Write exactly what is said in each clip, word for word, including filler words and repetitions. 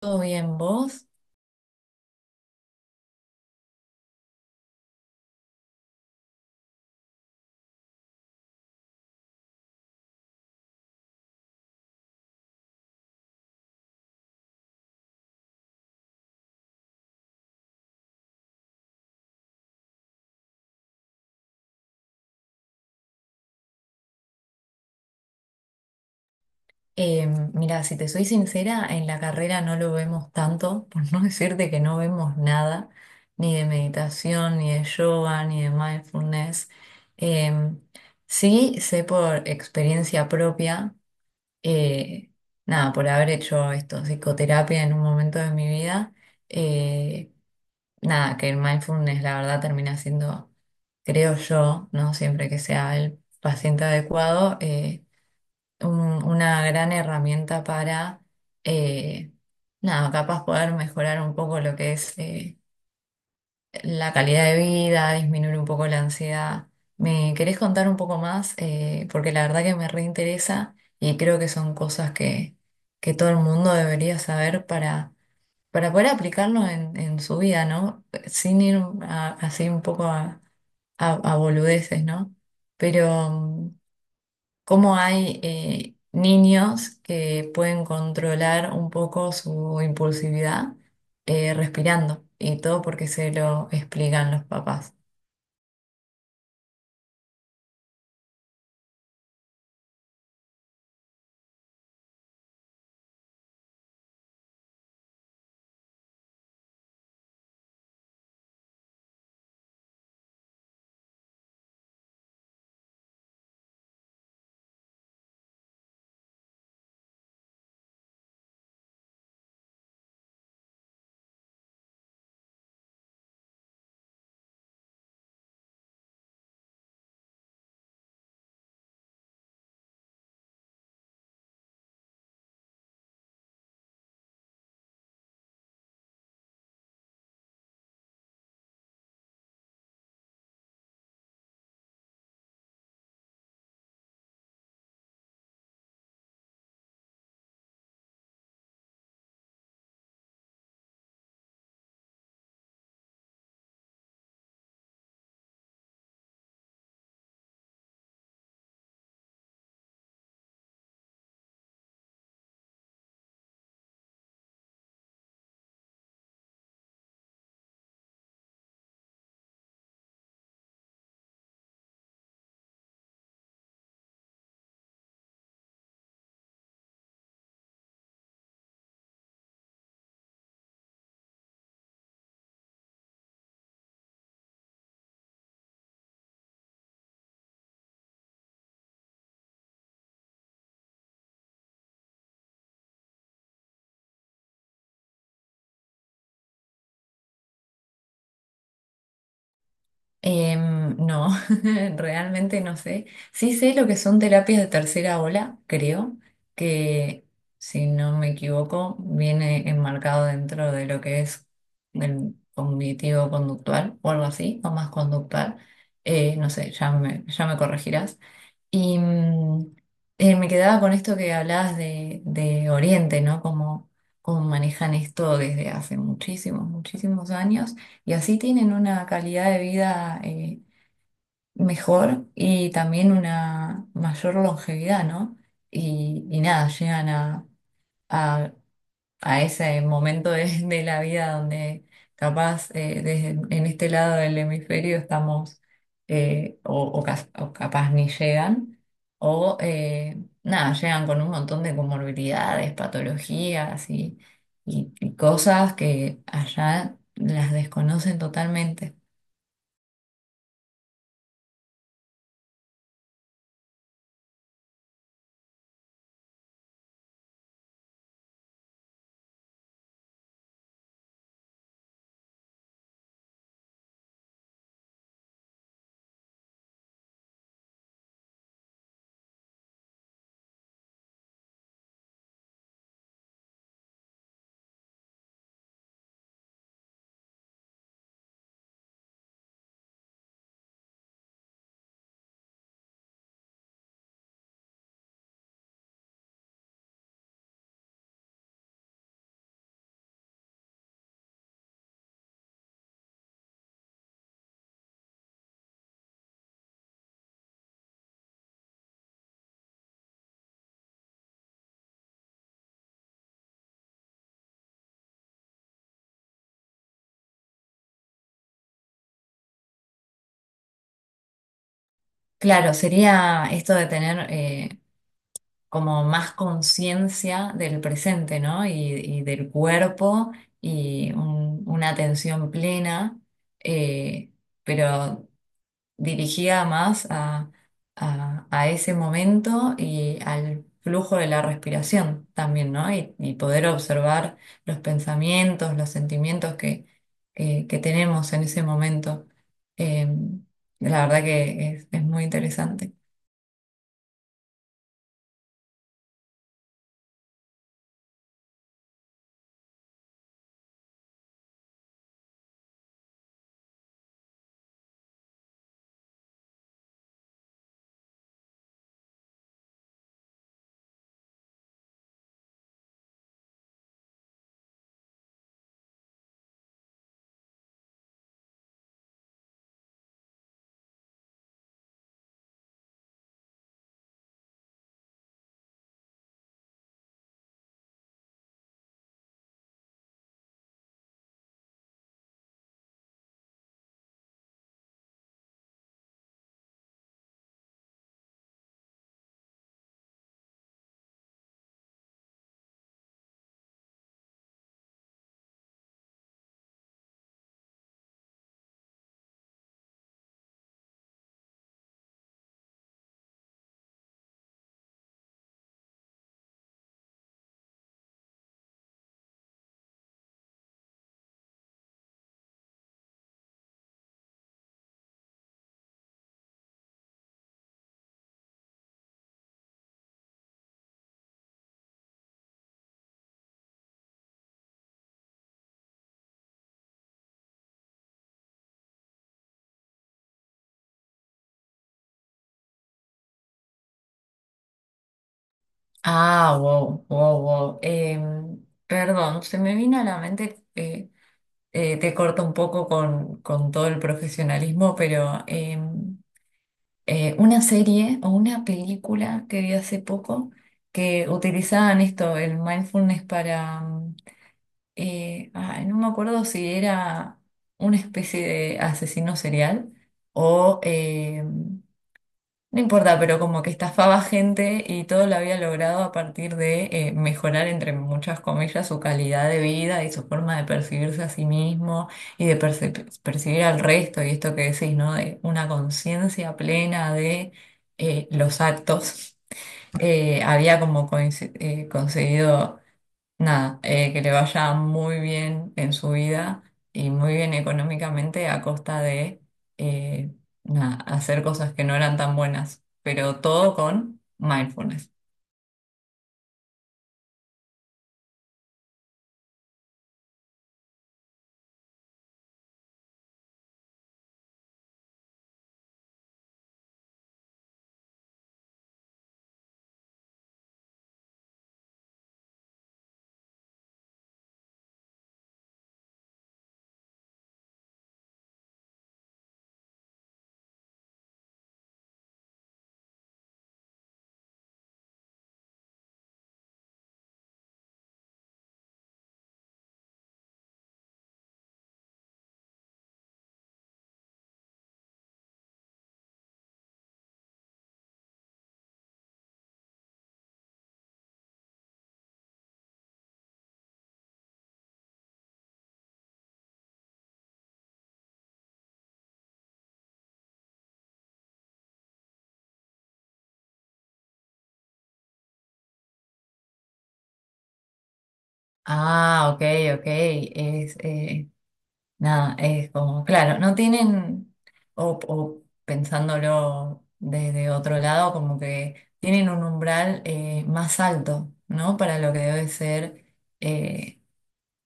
Todo bien, vos. Eh, Mira, si te soy sincera, en la carrera no lo vemos tanto, por no decirte que no vemos nada, ni de meditación, ni de yoga, ni de mindfulness. Eh, sí, sé por experiencia propia, eh, nada, por haber hecho esto, psicoterapia en un momento de mi vida, eh, nada, que el mindfulness la verdad termina siendo, creo yo, ¿no? Siempre que sea el paciente adecuado, eh, un- una gran herramienta para, eh, nada, capaz poder mejorar un poco lo que es eh, la calidad de vida, disminuir un poco la ansiedad. ¿Me querés contar un poco más? Eh, porque la verdad que me reinteresa y creo que son cosas que, que todo el mundo debería saber para, para poder aplicarlo en, en su vida, ¿no? Sin ir a- Así un poco a, a, a boludeces, ¿no? Pero mm, cómo hay eh, niños que pueden controlar un poco su impulsividad eh, respirando y todo porque se lo explican los papás. Em, no, realmente no sé. Sí sé lo que son terapias de tercera ola, creo, que si no me equivoco viene enmarcado dentro de lo que es el cognitivo conductual o algo así, o más conductual. Eh, no sé, ya me, ya me corregirás. Y mm, eh, me quedaba con esto que hablabas de, de Oriente, ¿no? Como, como manejan esto desde hace muchísimos, muchísimos años y así tienen una calidad de vida eh, mejor y también una mayor longevidad, ¿no? Y, y nada, llegan a, a ese momento de, de la vida donde capaz eh, desde, en este lado del hemisferio estamos eh, o, o cas- o capaz ni llegan o eh, nada, llegan con un montón de comorbilidades, patologías y, y- y cosas que allá las desconocen totalmente. Claro, sería esto de tener eh, como más conciencia del presente, ¿no? Y, y del cuerpo y un- una atención plena, eh, pero dirigida más a, a- a ese momento y al flujo de la respiración también, ¿no? Y, y poder observar los pensamientos, los sentimientos que, que- que tenemos en ese momento. Eh, la verdad que es es muy interesante. Ah, wow, wow, wow. Em, perdón, se me vino a la mente, eh, eh, te corto un poco con, con todo el profesionalismo, pero em, eh, una serie o una película que vi hace poco que utilizaban esto, el mindfulness para, mm, eh, ay, no me acuerdo si era una especie de asesino serial o em, no importa, pero como que estafaba gente y todo lo había logrado a partir de eh, mejorar, entre muchas comillas, su calidad de vida y su forma de percibirse a sí mismo y de perci- percibir al resto. Y esto que decís, ¿no? De una conciencia plena de eh, los actos. Eh, había como coinci- eh, conseguido nada, eh, que le vaya muy bien en su vida y muy bien económicamente a costa de eh, nada, hacer cosas que no eran tan buenas, pero todo con mindfulness. Ah, ok, ok. Es, eh, nada, es como, claro, no tienen, o, o pensándolo desde otro lado, como que tienen un umbral eh, más alto, ¿no? Para lo que debe ser. eh,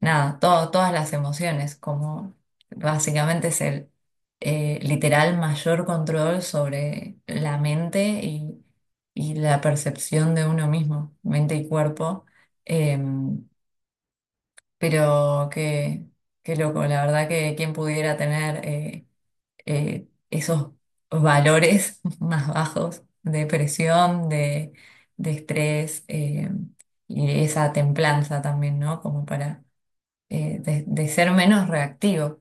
Nada, todo- todas las emociones, como básicamente es el eh, literal mayor control sobre la mente y, y la percepción de uno mismo, mente y cuerpo. Eh, pero qué, qué loco, la verdad que quien pudiera tener eh, eh, esos valores más bajos de presión, de, de estrés eh, y esa templanza también, ¿no? Como para eh, de, de ser menos reactivo.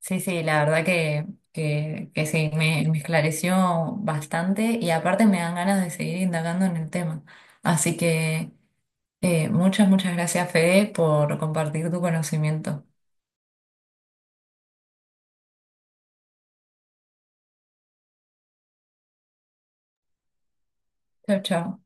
Sí, sí, la verdad que, que, que sí, me, me esclareció bastante y aparte me dan ganas de seguir indagando en el tema. Así que eh, muchas, muchas gracias, Fede, por compartir tu conocimiento. Chao, chao.